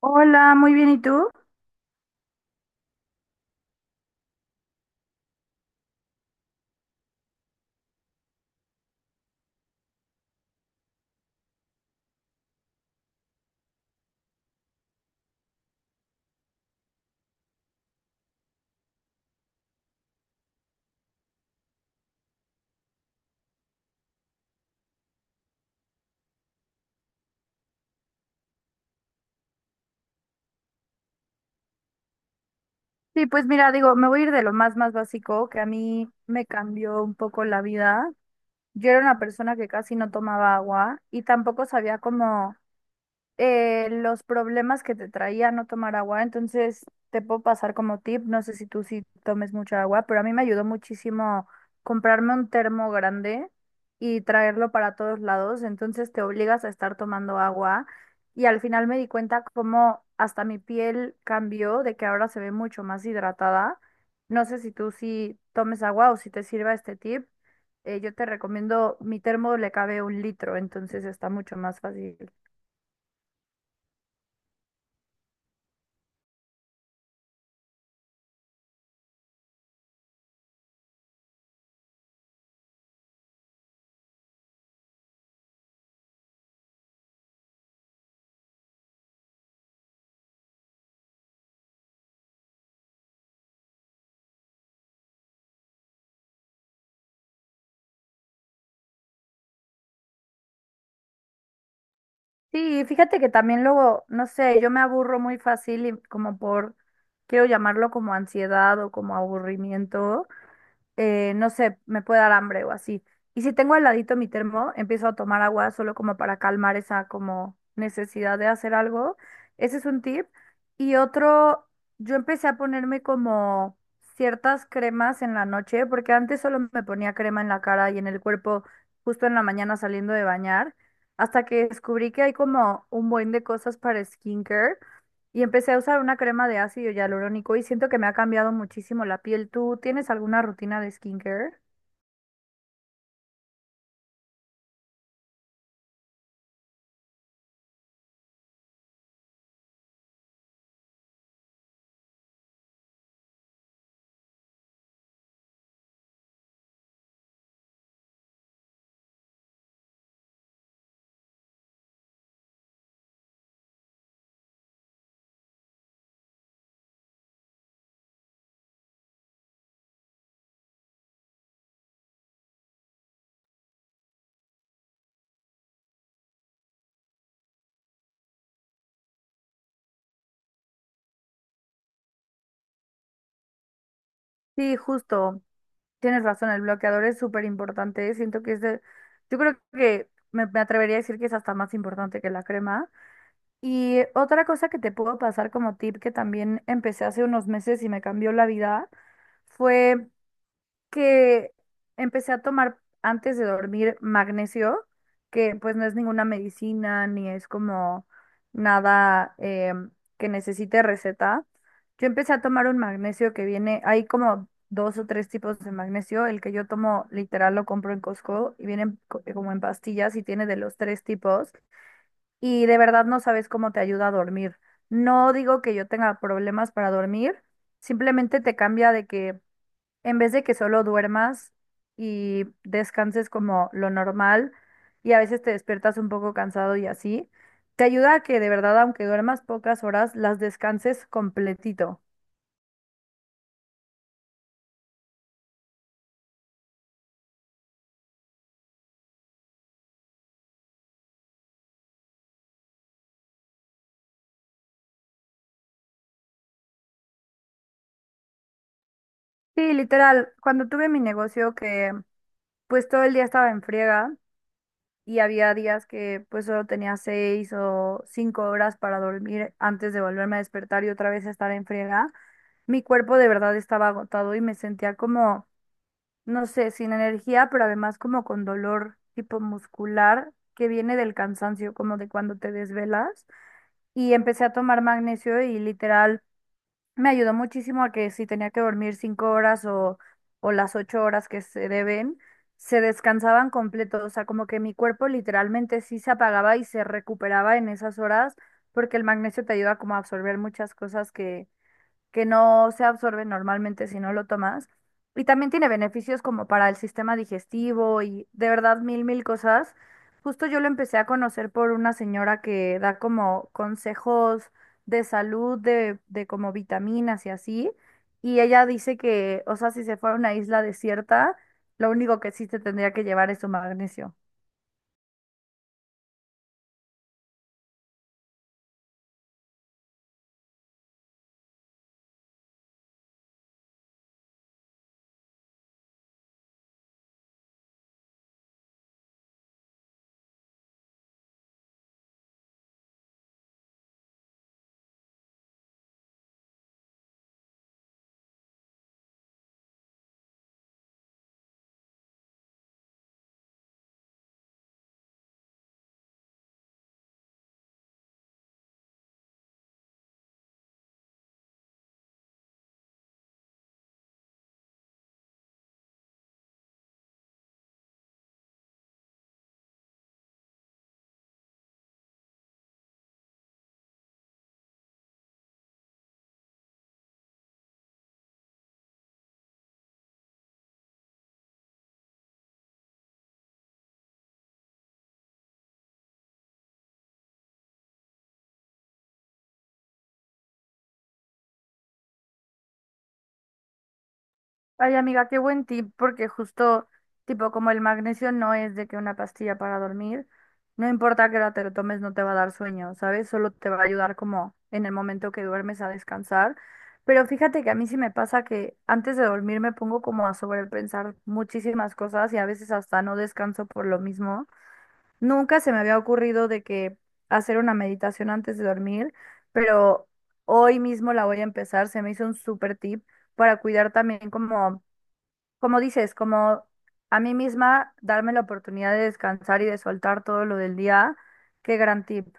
Hola, muy bien, ¿y tú? Sí, pues mira, digo, me voy a ir de lo más, más básico, que a mí me cambió un poco la vida. Yo era una persona que casi no tomaba agua y tampoco sabía cómo los problemas que te traía no tomar agua, entonces te puedo pasar como tip, no sé si tú sí tomes mucha agua, pero a mí me ayudó muchísimo comprarme un termo grande y traerlo para todos lados, entonces te obligas a estar tomando agua y al final me di cuenta cómo hasta mi piel cambió, de que ahora se ve mucho más hidratada. No sé si tú sí tomes agua o si te sirva este tip. Yo te recomiendo, mi termo le cabe un litro, entonces está mucho más fácil. Sí, fíjate que también luego, no sé, yo me aburro muy fácil y como por, quiero llamarlo como ansiedad o como aburrimiento no sé, me puede dar hambre o así. Y si tengo al ladito mi termo, empiezo a tomar agua solo como para calmar esa como necesidad de hacer algo. Ese es un tip. Y otro, yo empecé a ponerme como ciertas cremas en la noche, porque antes solo me ponía crema en la cara y en el cuerpo justo en la mañana saliendo de bañar, hasta que descubrí que hay como un buen de cosas para skincare. Y empecé a usar una crema de ácido hialurónico y siento que me ha cambiado muchísimo la piel. ¿Tú tienes alguna rutina de skincare? Sí, justo. Tienes razón, el bloqueador es súper importante. Siento que es de... Yo creo que me atrevería a decir que es hasta más importante que la crema. Y otra cosa que te puedo pasar como tip que también empecé hace unos meses y me cambió la vida fue que empecé a tomar antes de dormir magnesio, que pues no es ninguna medicina ni es como nada que necesite receta. Yo empecé a tomar un magnesio que viene, hay como dos o tres tipos de magnesio. El que yo tomo literal lo compro en Costco y viene en como en pastillas y tiene de los tres tipos. Y de verdad no sabes cómo te ayuda a dormir. No digo que yo tenga problemas para dormir, simplemente te cambia de que en vez de que solo duermas y descanses como lo normal y a veces te despiertas un poco cansado y así, te ayuda a que de verdad, aunque duermas pocas horas, las descanses completito. Sí, literal, cuando tuve mi negocio que pues todo el día estaba en friega y había días que pues solo tenía seis o cinco horas para dormir antes de volverme a despertar y otra vez estar en friega, mi cuerpo de verdad estaba agotado y me sentía como no sé, sin energía, pero además como con dolor tipo muscular que viene del cansancio, como de cuando te desvelas. Y empecé a tomar magnesio y literal me ayudó muchísimo a que si tenía que dormir cinco horas o las ocho horas que se deben, se descansaban completo. O sea, como que mi cuerpo literalmente sí se apagaba y se recuperaba en esas horas porque el magnesio te ayuda como a absorber muchas cosas que no se absorbe normalmente si no lo tomas. Y también tiene beneficios como para el sistema digestivo y de verdad mil, mil cosas. Justo yo lo empecé a conocer por una señora que da como consejos de salud, de como vitaminas y así. Y ella dice que, o sea, si se fuera a una isla desierta, lo único que sí se tendría que llevar es su magnesio. Ay, amiga, qué buen tip, porque justo, tipo, como el magnesio no es de que una pastilla para dormir, no importa que hora te lo tomes, no te va a dar sueño, ¿sabes? Solo te va a ayudar como en el momento que duermes a descansar. Pero fíjate que a mí sí me pasa que antes de dormir me pongo como a sobrepensar muchísimas cosas y a veces hasta no descanso por lo mismo. Nunca se me había ocurrido de que hacer una meditación antes de dormir, pero hoy mismo la voy a empezar. Se me hizo un súper tip para cuidar también como como dices, como a mí misma darme la oportunidad de descansar y de soltar todo lo del día, qué gran tip.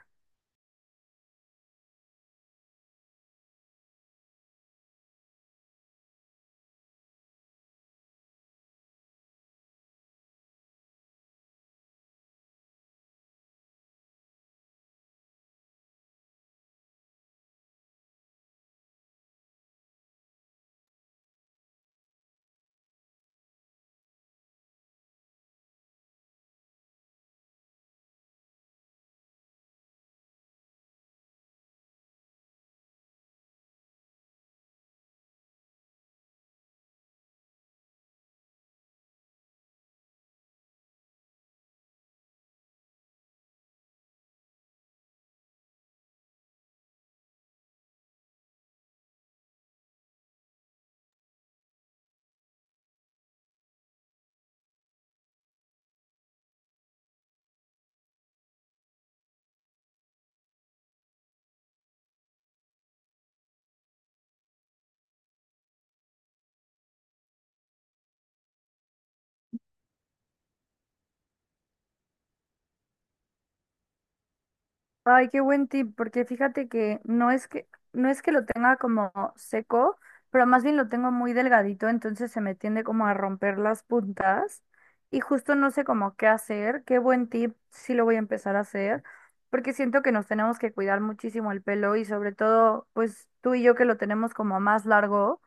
Ay, qué buen tip, porque fíjate que no es que, no es que lo tenga como seco, pero más bien lo tengo muy delgadito, entonces se me tiende como a romper las puntas y justo no sé cómo qué hacer. Qué buen tip, sí lo voy a empezar a hacer, porque siento que nos tenemos que cuidar muchísimo el pelo y sobre todo, pues tú y yo que lo tenemos como más largo,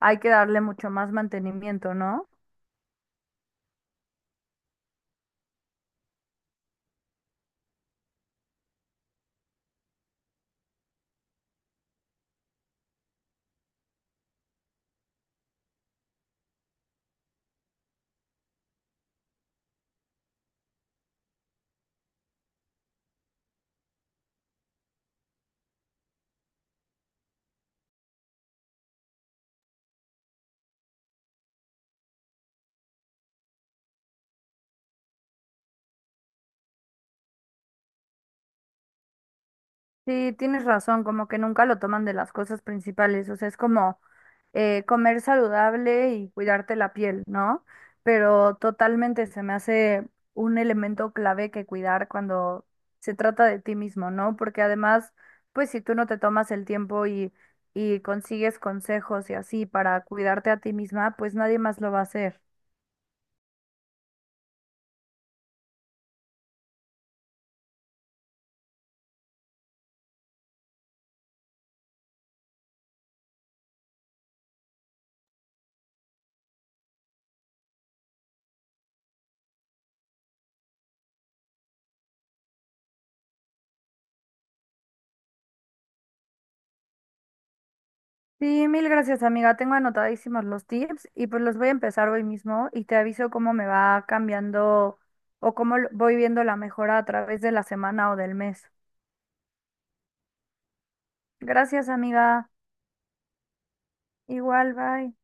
hay que darle mucho más mantenimiento, ¿no? Sí, tienes razón, como que nunca lo toman de las cosas principales, o sea, es como comer saludable y cuidarte la piel, ¿no? Pero totalmente se me hace un elemento clave que cuidar cuando se trata de ti mismo, ¿no? Porque además, pues si tú no te tomas el tiempo y consigues consejos y así para cuidarte a ti misma, pues nadie más lo va a hacer. Sí, mil gracias, amiga. Tengo anotadísimos los tips y pues los voy a empezar hoy mismo y te aviso cómo me va cambiando o cómo voy viendo la mejora a través de la semana o del mes. Gracias, amiga. Igual, bye.